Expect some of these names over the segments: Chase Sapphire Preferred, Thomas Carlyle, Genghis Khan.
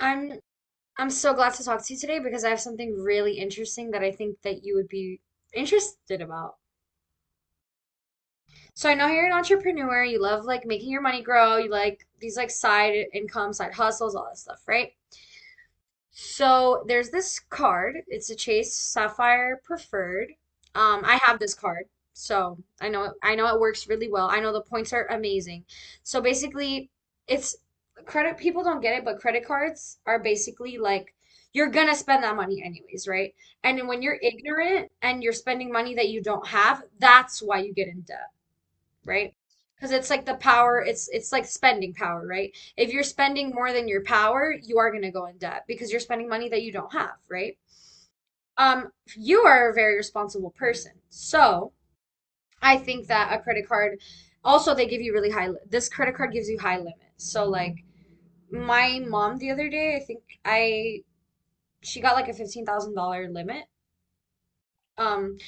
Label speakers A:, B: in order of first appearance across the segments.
A: I'm I'm so glad to talk to you today because I have something really interesting that I think that you would be interested about. So I know you're an entrepreneur, you love like making your money grow, you like these like side income, side hustles, all that stuff, right? So there's this card. It's a Chase Sapphire Preferred. I have this card, so I know it works really well. I know the points are amazing. So basically, it's credit people don't get it, but credit cards are basically like you're gonna spend that money anyways, right? And when you're ignorant and you're spending money that you don't have, that's why you get in debt, right? Because it's like the power, it's like spending power, right? If you're spending more than your power, you are going to go in debt because you're spending money that you don't have, right? Um, you are a very responsible person. So, I think that a credit card, also they give you really high this credit card gives you high limits. So like my mom the other day, I think I she got like a $15,000 limit. Um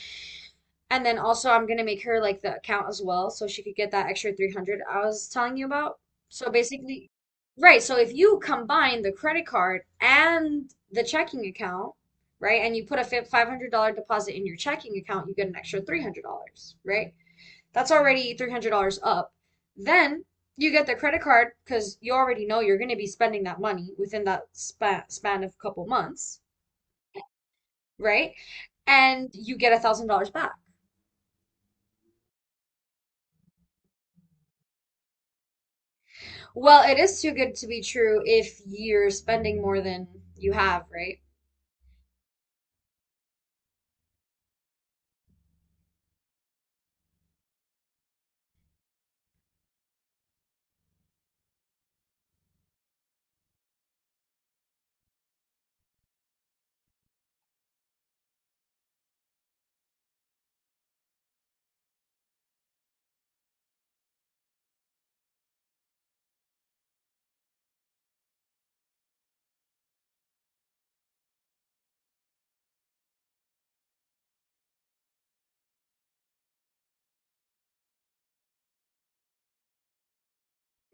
A: And then also I'm gonna make her like the account as well so she could get that extra 300 I was telling you about. So basically, right, so if you combine the credit card and the checking account, right, and you put a $500 deposit in your checking account, you get an extra $300, right? That's already $300 up. Then you get the credit card because you already know you're gonna be spending that money within that span of a couple months, right? And you get a $1,000 back. Well, it is too good to be true if you're spending more than you have, right?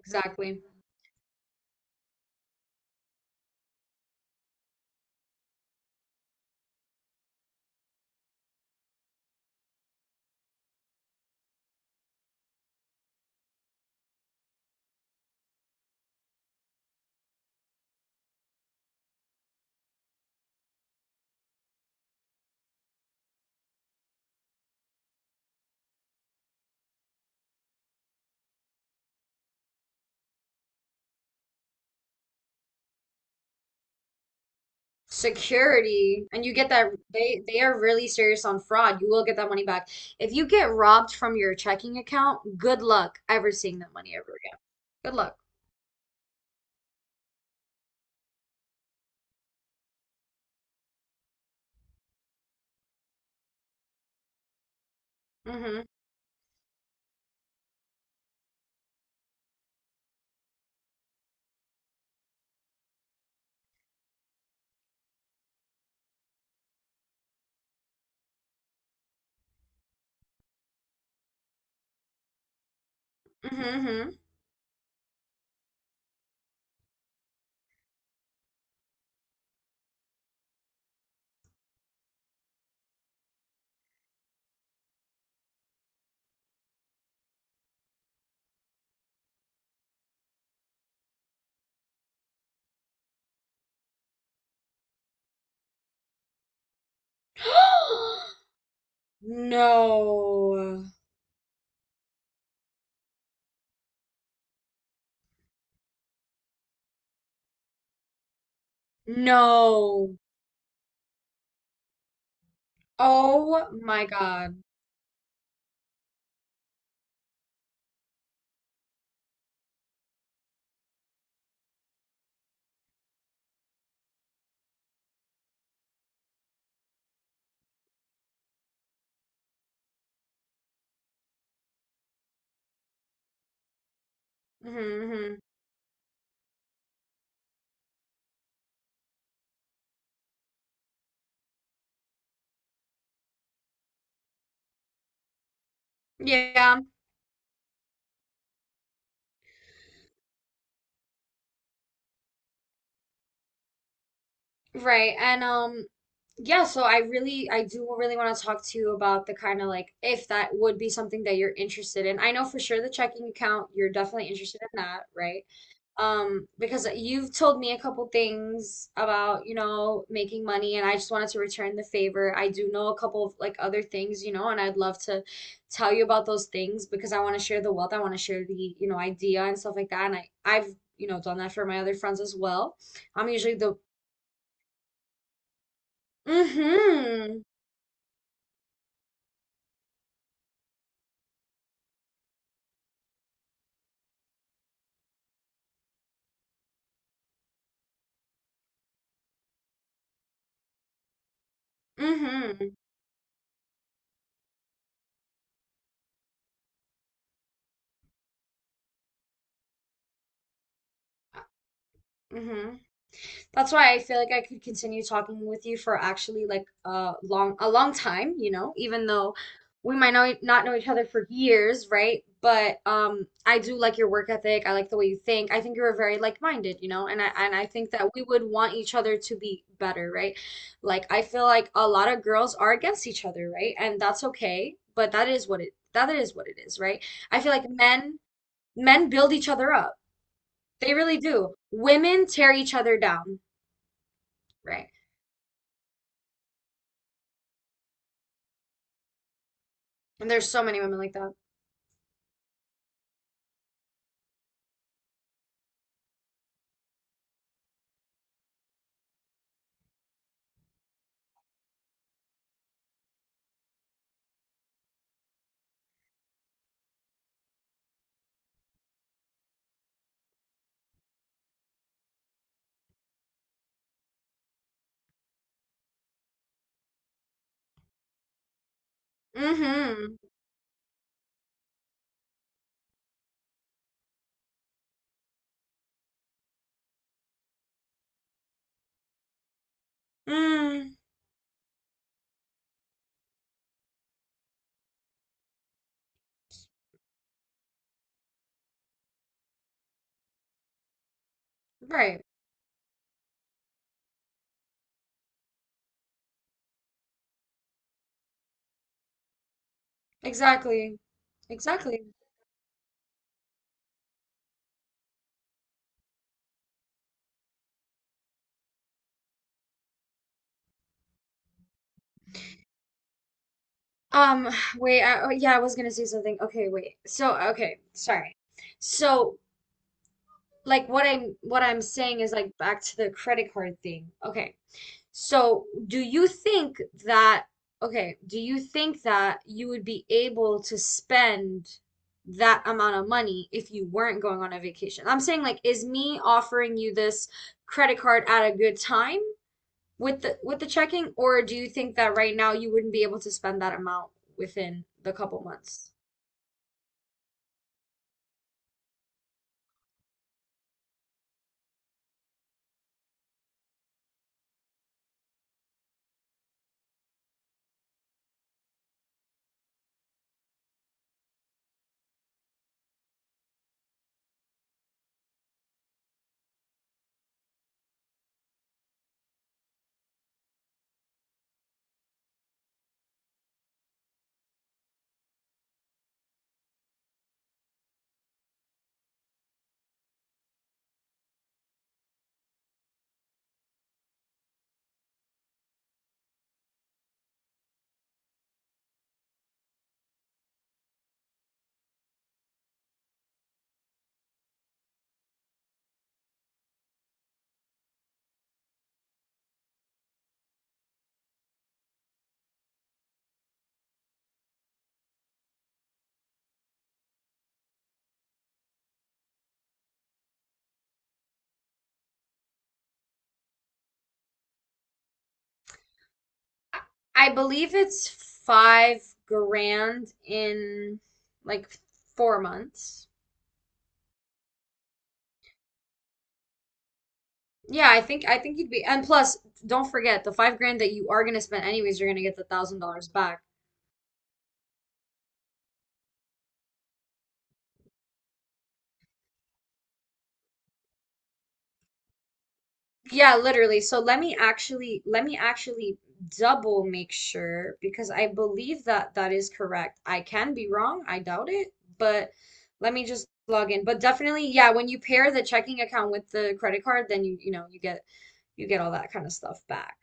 A: Exactly. Security, and you get that they are really serious on fraud. You will get that money back. If you get robbed from your checking account, good luck ever seeing that money ever again. Good luck. Mm-hmm. Mm-hmm. Mm-hmm. No. No. Oh my God. Mm-hmm. Mm-hmm. Yeah. Right. And yeah, so I do really want to talk to you about the kind of like if that would be something that you're interested in. I know for sure the checking account, you're definitely interested in that, right? Because you've told me a couple things about making money and I just wanted to return the favor. I do know a couple of like other things, and I'd love to tell you about those things because I want to share the wealth, I want to share the idea and stuff like that. And I've done that for my other friends as well. I'm usually the. Mm-hmm. Mm-hmm. Uh, Mm-hmm. That's why I feel like I could continue talking with you for actually like a long time, even though we might not know each other for years, right? But I do like your work ethic. I like the way you think. I think you're very like-minded, and I think that we would want each other to be better, right? Like I feel like a lot of girls are against each other, right? And that's okay, but that is what it that is what it is, right? I feel like men build each other up. They really do. Women tear each other down, right? And there's so many women like that. Mm-hmm. Mm, right. Exactly. Exactly. Um, wait, oh, yeah, I was gonna say something. Okay, wait. So, okay, sorry. So, like what I'm saying is like back to the credit card thing. Okay. So, do you think that, okay, do you think that you would be able to spend that amount of money if you weren't going on a vacation? I'm saying like, is me offering you this credit card at a good time with the checking, or do you think that right now you wouldn't be able to spend that amount within the couple months? I believe it's 5 grand in like 4 months. Yeah, I think you'd be, and plus, don't forget the 5 grand that you are gonna spend anyways, you're gonna get the $1,000 back. Yeah, literally. So let me actually double make sure because I believe that that is correct. I can be wrong, I doubt it, but let me just log in. But definitely, yeah, when you pair the checking account with the credit card, then you get all that kind of stuff back.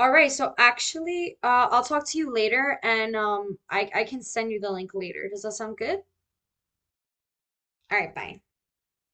A: All right, so actually, I'll talk to you later and I can send you the link later. Does that sound good? All right, bye.